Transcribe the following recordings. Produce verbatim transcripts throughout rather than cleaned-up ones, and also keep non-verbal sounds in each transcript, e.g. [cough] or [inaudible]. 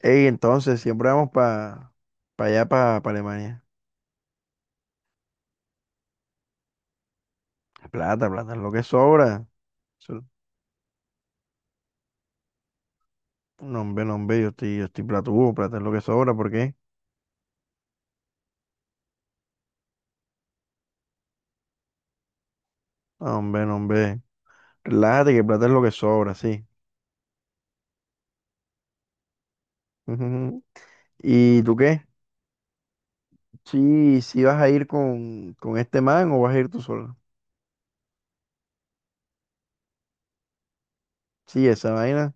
Ey, entonces, siempre vamos para allá, para Alemania. Plata, plata es lo que sobra. Eso- No, hombre, no, hombre, yo estoy, yo estoy platudo, plata es lo que sobra, ¿por qué? No, hombre, no, hombre. Relájate que plata es lo que sobra, sí. [laughs] Ujú. ¿Y tú qué? Sí, sí vas a ir con, con este man o vas a ir tú sola. Sí, esa vaina.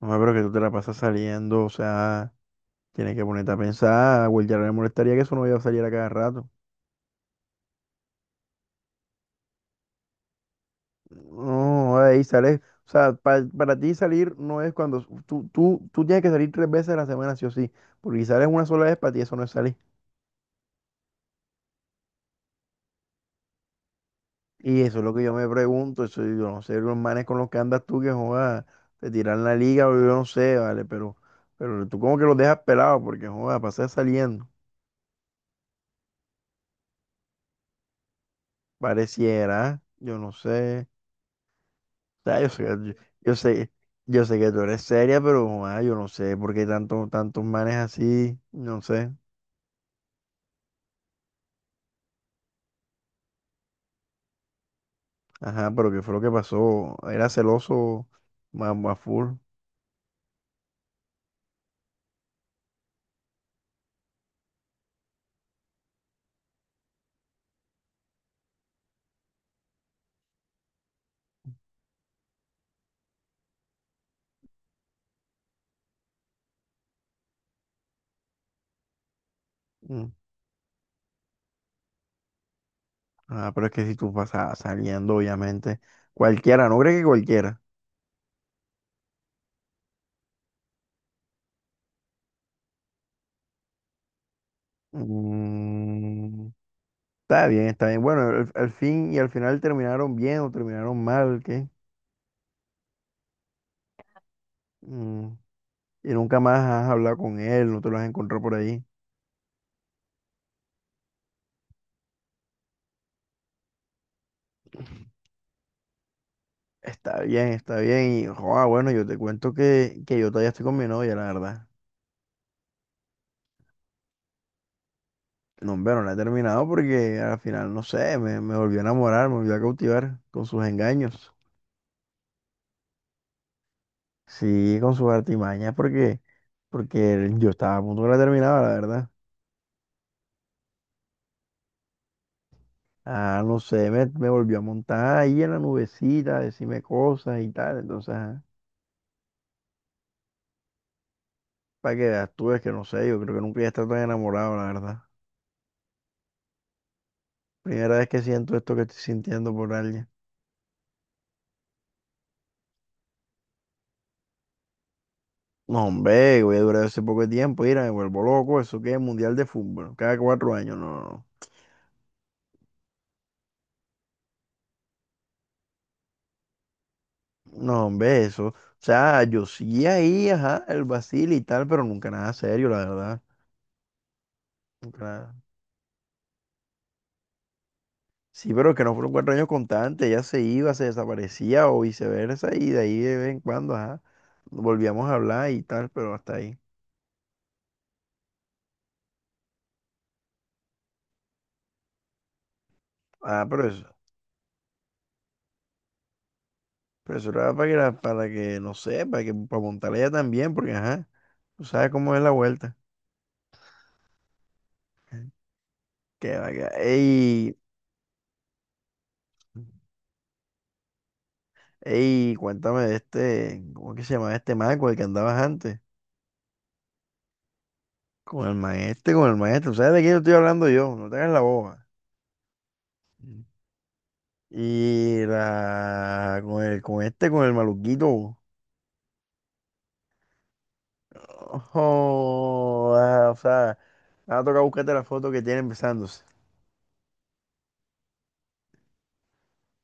No, pero que tú te la pasas saliendo, o sea, tienes que ponerte a pensar, güey, ya no le molestaría que eso no vaya a salir a cada rato. No, ahí sales. O sea, pa- para ti salir no es cuando tú, tú, tú tienes que salir tres veces a la semana, sí o sí. Porque si sales una sola vez, para ti eso no es salir. Y eso es lo que yo me pregunto. Eso, yo no sé, los manes con los que andas tú que joda, te tiran la liga o yo no sé, ¿vale? Pero, pero tú como que los dejas pelados porque joda, pasas saliendo. Pareciera, yo no sé. O sea, yo sé, yo, yo sé, yo sé que tú eres seria, pero joda, yo no sé por qué tanto, tantos manes así, no sé. Ajá, pero ¿qué fue lo que pasó? Era celoso más, más full. Mm. Ajá, pero es que si tú pasas saliendo, obviamente, cualquiera, no crees que cualquiera. Mm, está bien, está bien. Bueno, al, al fin y al final terminaron bien o terminaron mal, ¿qué? Mm, y nunca más has hablado con él, no te lo has encontrado por ahí. Está bien, está bien. Y joa, bueno, yo te cuento que, que yo todavía estoy con mi novia, la verdad. No, hombre, no la he terminado porque al final, no sé, me, me volvió a enamorar, me volvió a cautivar con sus engaños. Sí, con sus artimañas, porque, porque yo estaba a punto que la terminaba, la verdad. Ah, no sé, me, me volvió a montar ahí en la nubecita, a decirme cosas y tal. Entonces, para que veas tú, es que no sé, yo creo que nunca he estado tan enamorado, la verdad. Primera vez que siento esto que estoy sintiendo por alguien. No, hombre, voy a durar ese poco de tiempo, mira, me vuelvo loco, eso que es mundial de fútbol, cada cuatro años, no. no, no. No, hombre, eso. O sea, yo sí ahí, ajá, el vacil y tal, pero nunca nada serio, la verdad. Nunca nada. Sí, pero que no fueron cuatro años constantes, ella se iba, se desaparecía o viceversa, y de ahí de vez en cuando, ajá, volvíamos a hablar y tal, pero hasta ahí. Ah, pero eso, pero eso era para que, la- para que, no sé, para que, para montarla ella también, porque ajá, tú sabes cómo es la vuelta. Que, vaya, ey, ey, cuéntame de este, ¿cómo que se llama este man con el que andabas antes? Con el maestro, con el maestro. ¿Sabes de quién estoy hablando yo? No te hagas la boba. Y la... Con el, con este, con el maluquito. Ojo, ah, o sea, me va a tocar buscarte la foto que tiene empezándose.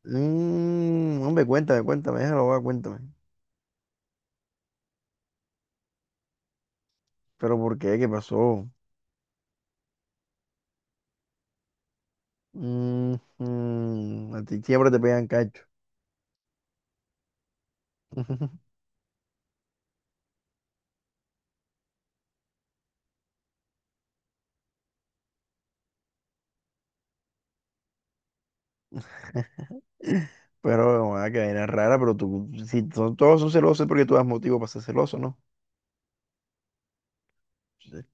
Mm, hombre, cuéntame, cuéntame, déjalo, va, cuéntame. Pero ¿por qué? ¿Qué pasó? Mm, mm, a ti siempre te pegan cacho. [laughs] Pero, ah, que vaina rara, pero tú, si son- todos son celosos es porque tú das motivo para ser celoso, ¿no? Sí.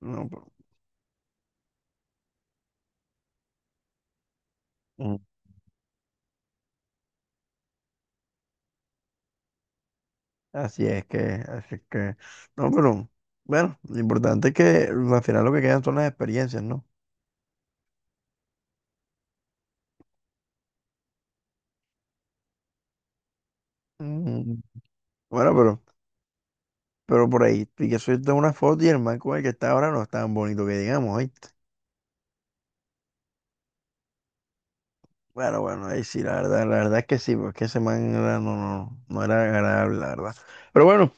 No, pero- Así es que, así es que, no, pero bueno, lo importante es que al final lo que quedan son las experiencias, ¿no? Mm, Bueno, pero, pero, por ahí, y que soy una foto y el man con el que está ahora no es tan bonito que digamos, ¿oíste? Bueno, bueno, ahí sí, la verdad, la verdad es que sí, porque ese man era- no, no, no era agradable, la verdad. Pero bueno,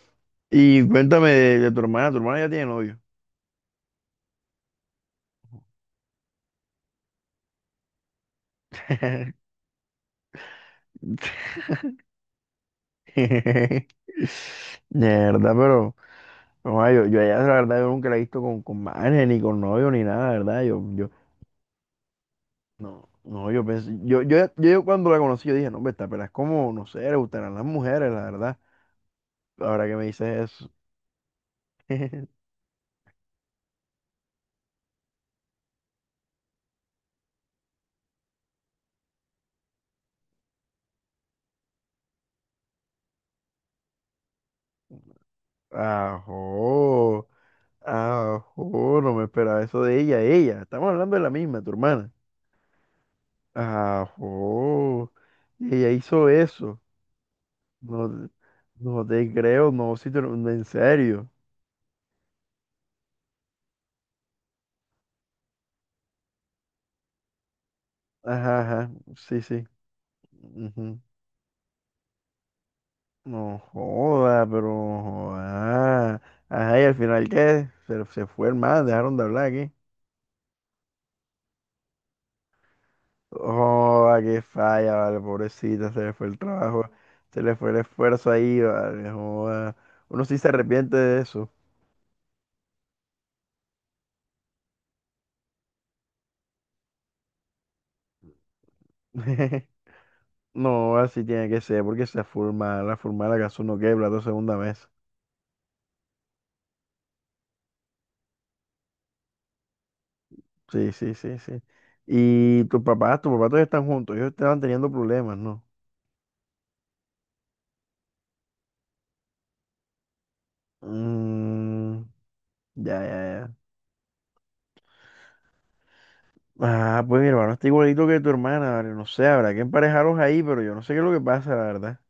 y cuéntame de, de tu hermana, tu hermana ya tiene novio. [laughs] De verdad, pero. No, yo, yo a ella, la verdad, yo nunca la he visto con, con manes, ni con novio, ni nada, la verdad. Yo, yo, no, no, yo pensé, yo, yo, yo cuando la conocí, yo dije, no, hombre, esta pela es como, no sé, le gustarán las mujeres, la verdad. Ahora que me dices eso. [laughs] Ajo, ajo, no me esperaba eso de ella, ella. Estamos hablando de la misma, tu hermana. Ajo, ella hizo eso. No, no te creo, no, si te lo- en serio. Ajá, ajá, sí, sí. No joda, pero joda. Ajá, ¿y al final qué? Se, se fue el man, dejaron de hablar aquí. Joda, qué falla, vale, pobrecita, se le fue el trabajo, se le fue el esfuerzo ahí, vale, joda. Uno sí se arrepiente de eso. [laughs] No, así tiene que ser, porque se forma, la forma la casa uno quebra la segunda vez. Sí, sí, sí, sí. Y tus papás, tus papás todavía están juntos, ellos estaban teniendo problemas, ¿no? Mm, ya, ya, ya. Ah, pues mi hermano está igualito que tu hermana, vale, No sé, habrá que emparejaros ahí, pero yo no sé qué es lo que pasa, la verdad.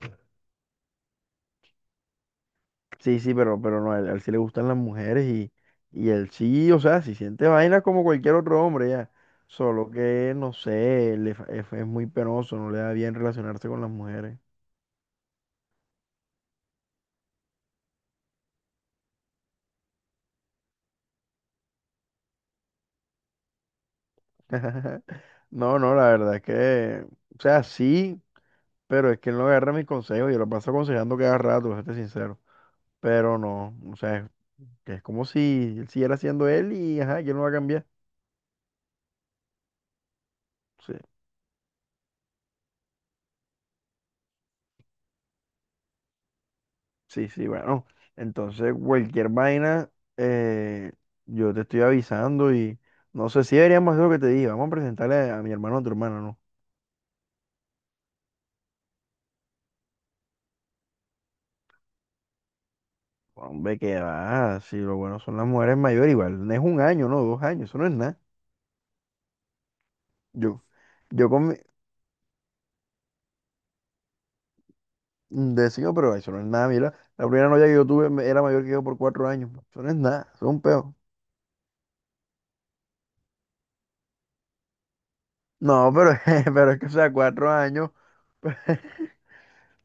Sí, sí, pero, pero no, a él, a él sí le gustan las mujeres y, y él sí, o sea, si siente vainas como cualquier otro hombre ya. Solo que, no sé, le fa- es, es muy penoso, no le da bien relacionarse con las mujeres. [laughs] No, no, la verdad es que, o sea, sí, pero es que él no agarra mis consejos, yo lo paso aconsejando cada rato, para serte sincero. Pero no, o sea, que es como si él siguiera siendo él y, ajá, que él no va a cambiar. Sí, sí, sí, bueno. Entonces, cualquier vaina, eh, yo te estoy avisando y no sé si deberíamos hacer lo que te dije. Vamos a presentarle a mi hermano o a tu hermana, ¿no? Hombre, que va, si lo bueno son las mujeres mayores, igual, no es un año, no, dos años, eso no es nada. Yo, yo con mi, decido, pero eso no es nada, mira, la primera novia que yo tuve me- era mayor que yo por cuatro años, eso no es nada, eso es un peo. No, pero, [laughs] pero es que, o sea, cuatro años.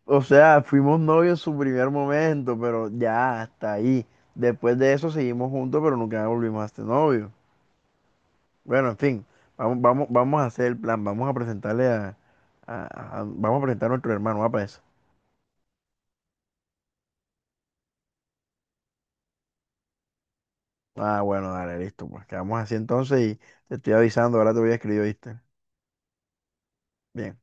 O sea, fuimos novios en su primer momento, pero ya hasta ahí. Después de eso seguimos juntos, pero nunca volvimos a ser novios. Bueno, en fin, vamos, vamos, vamos a hacer el plan, vamos a presentarle a, a- a- vamos a presentar a nuestro hermano, ¿va para eso? Ah, bueno, dale, listo, pues quedamos así entonces y te estoy avisando, ahora te voy a escribir, ¿viste? Bien.